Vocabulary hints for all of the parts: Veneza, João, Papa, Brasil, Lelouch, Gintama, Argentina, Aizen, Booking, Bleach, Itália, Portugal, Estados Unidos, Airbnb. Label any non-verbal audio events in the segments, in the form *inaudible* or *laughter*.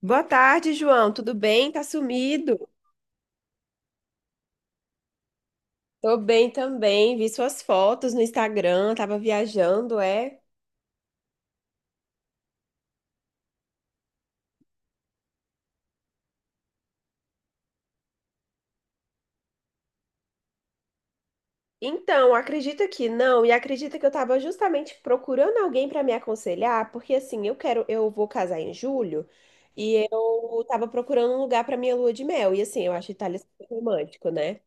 Boa tarde, João. Tudo bem? Tá sumido? Tô bem também. Vi suas fotos no Instagram, tava viajando, é? Então, acredita que não, e acredita que eu tava justamente procurando alguém pra me aconselhar, porque assim, eu quero, eu vou casar em julho e eu tava procurando um lugar pra minha lua de mel. E assim, eu acho Itália super romântico, né?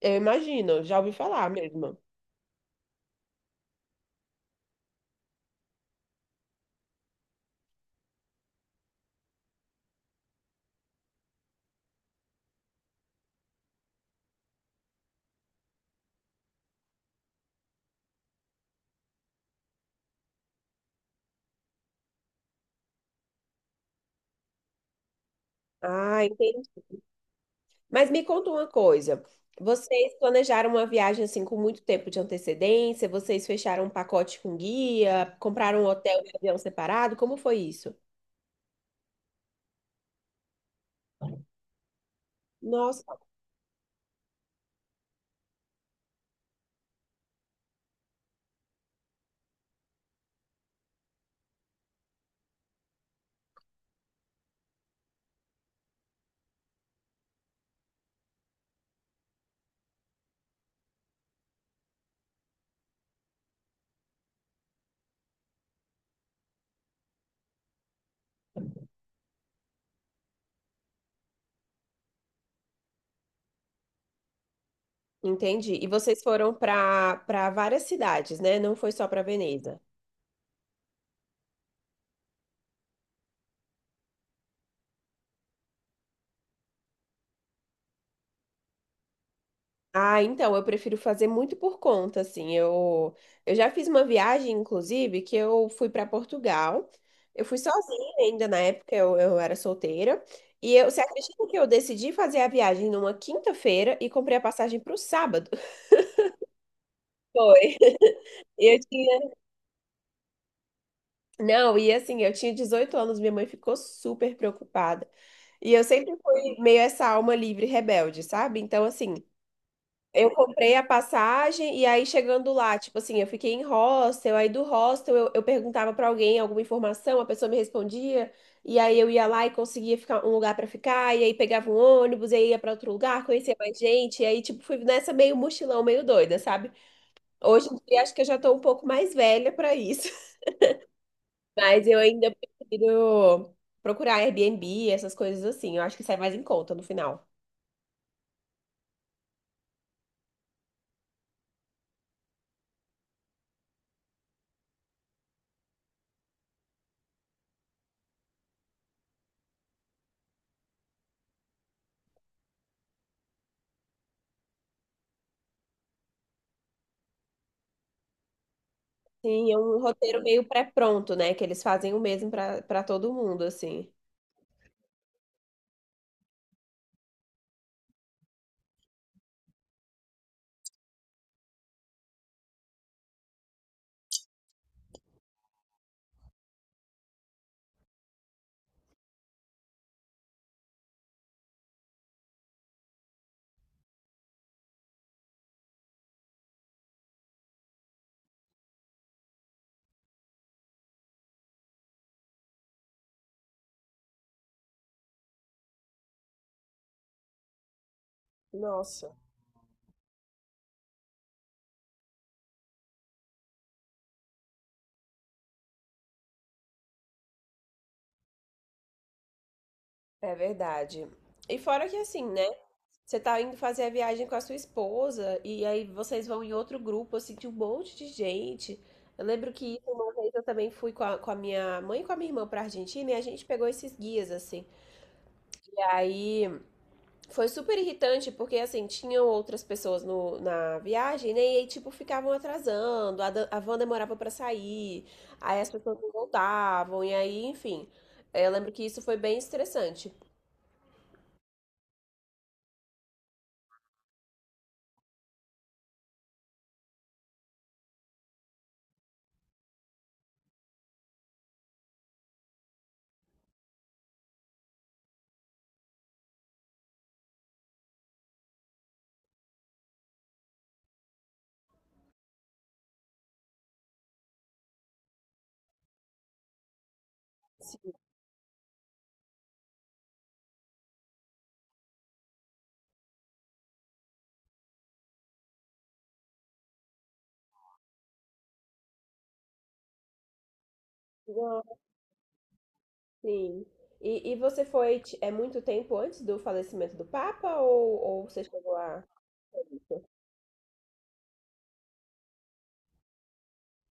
Eu imagino, já ouvi falar mesmo. Ah, entendi. Mas me conta uma coisa. Vocês planejaram uma viagem assim com muito tempo de antecedência? Vocês fecharam um pacote com guia? Compraram um hotel e avião separado? Como foi isso? Nossa, entendi. E vocês foram para várias cidades, né? Não foi só para Veneza. Ah, então, eu prefiro fazer muito por conta, assim. Eu já fiz uma viagem, inclusive, que eu fui para Portugal. Eu fui sozinha ainda na época, eu era solteira. E eu, você acredita que eu decidi fazer a viagem numa quinta-feira e comprei a passagem para o sábado? Foi. *laughs* Eu tinha. Não, e assim, eu tinha 18 anos, minha mãe ficou super preocupada. E eu sempre fui meio essa alma livre, rebelde, sabe? Então, assim. Eu comprei a passagem e aí chegando lá, tipo assim, eu fiquei em hostel, aí do hostel eu perguntava pra alguém alguma informação, a pessoa me respondia, e aí eu ia lá e conseguia ficar um lugar pra ficar, e aí pegava um ônibus, e aí ia pra outro lugar, conhecia mais gente, e aí tipo fui nessa meio mochilão, meio doida, sabe? Hoje em dia acho que eu já tô um pouco mais velha pra isso, *laughs* mas eu ainda prefiro procurar Airbnb, essas coisas assim, eu acho que sai mais em conta no final. Sim, é um roteiro meio pré-pronto, né? Que eles fazem o mesmo pra para todo mundo, assim. Nossa, é verdade. E fora que assim, né? Você tá indo fazer a viagem com a sua esposa e aí vocês vão em outro grupo, assim, de um monte de gente. Eu lembro que uma vez eu também fui com a minha mãe e com a minha irmã pra Argentina e a gente pegou esses guias, assim. E aí. Foi super irritante, porque assim, tinham outras pessoas no, na viagem, né? E aí, tipo, ficavam atrasando, a van demorava pra sair, aí as pessoas não voltavam, e aí, enfim. Eu lembro que isso foi bem estressante. Sim. Nossa. Sim. E você foi, é muito tempo antes do falecimento do Papa, ou você chegou a...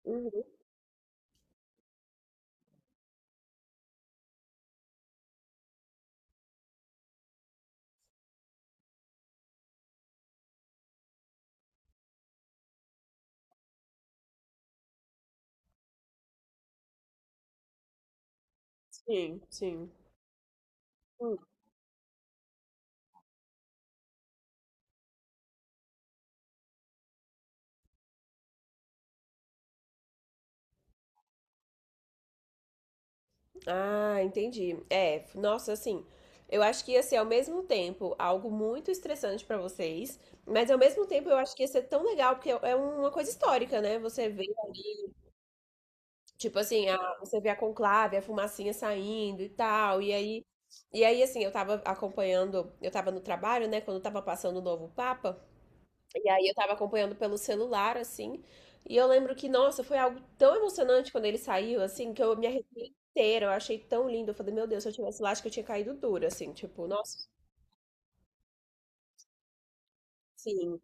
Uhum. Sim, sim. Ah, entendi. É, nossa, assim, eu acho que ia ser ao mesmo tempo algo muito estressante pra vocês, mas ao mesmo tempo eu acho que ia ser tão legal, porque é uma coisa histórica, né? Você vê, tipo assim, a- você vê a conclave, a fumacinha saindo e tal, e aí, assim, eu tava acompanhando, eu tava no trabalho, né, quando tava passando o novo Papa, e aí eu tava acompanhando pelo celular, assim. E eu lembro que, nossa, foi algo tão emocionante quando ele saiu, assim, que eu me arrepiei inteira. Eu achei tão lindo. Eu falei, meu Deus, se eu tivesse lá, acho que eu tinha caído dura, assim, tipo, nossa. Sim,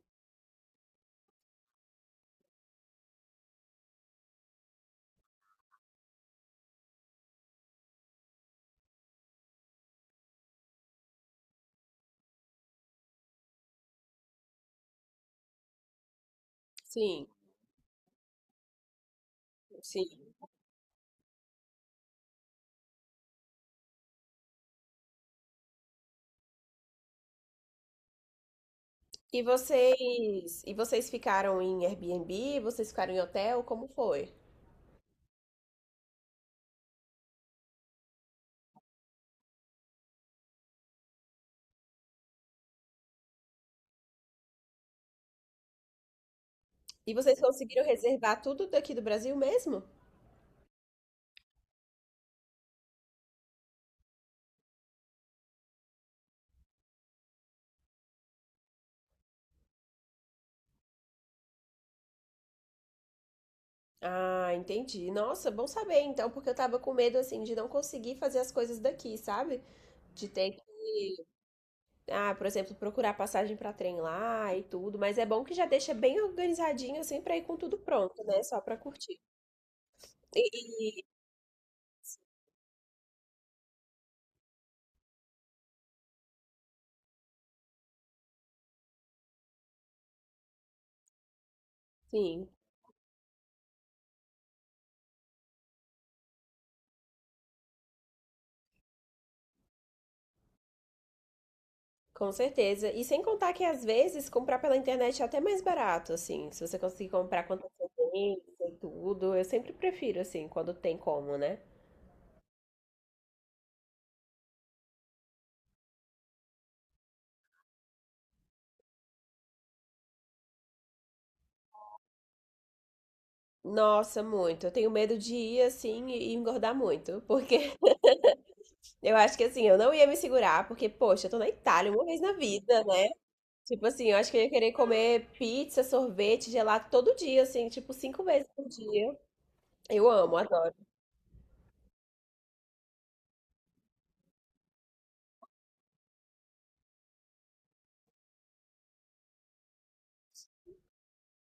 sim, sim. E vocês ficaram em Airbnb? Vocês ficaram em hotel? Como foi? E vocês conseguiram reservar tudo daqui do Brasil mesmo? Ah, entendi. Nossa, bom saber então, porque eu tava com medo assim de não conseguir fazer as coisas daqui, sabe? De ter que Ah, por exemplo, procurar passagem para trem lá e tudo, mas é bom que já deixa bem organizadinho assim para ir com tudo pronto, né? Só para curtir. E- e- sim, com certeza. E sem contar que às vezes comprar pela internet é até mais barato, assim, se você conseguir comprar com antecedência e tudo, eu sempre prefiro assim, quando tem como, né? Nossa, muito. Eu tenho medo de ir assim e engordar muito, porque *laughs* eu acho que assim, eu não ia me segurar, porque poxa, eu tô na Itália uma vez na vida, né? Tipo assim, eu acho que eu ia querer comer pizza, sorvete, gelato todo dia, assim, tipo cinco vezes por dia. Eu amo, adoro.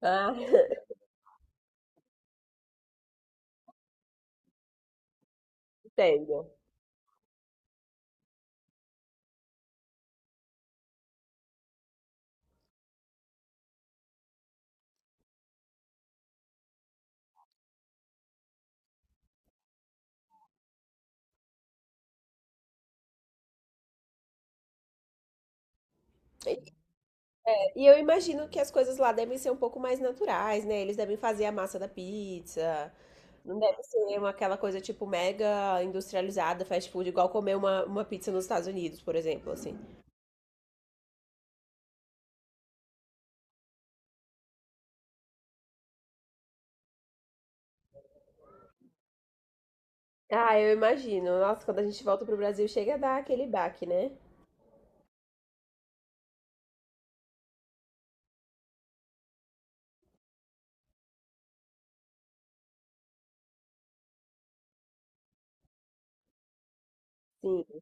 Ah, *laughs* entendo. E eu imagino que as coisas lá devem ser um pouco mais naturais, né? Eles devem fazer a massa da pizza. Não deve ser uma, aquela coisa tipo mega industrializada, fast food, igual comer uma pizza nos Estados Unidos, por exemplo, assim. Ah, eu imagino. Nossa, quando a gente volta pro Brasil, chega a dar aquele baque, né? Sim.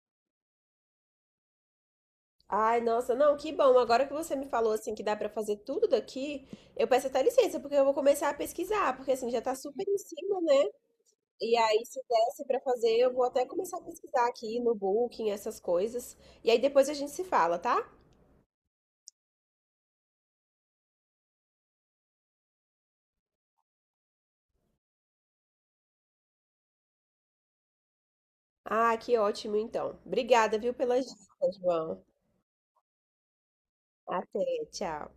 Ai, nossa, não, que bom. Agora que você me falou assim que dá pra fazer tudo daqui, eu peço até licença, porque eu vou começar a pesquisar, porque assim já tá super em cima, né? E aí se desse pra fazer, eu vou até começar a pesquisar aqui no Booking, essas coisas. E aí depois a gente se fala, tá? Ah, que ótimo então. Obrigada, viu, pelas dicas, João. Até, tchau.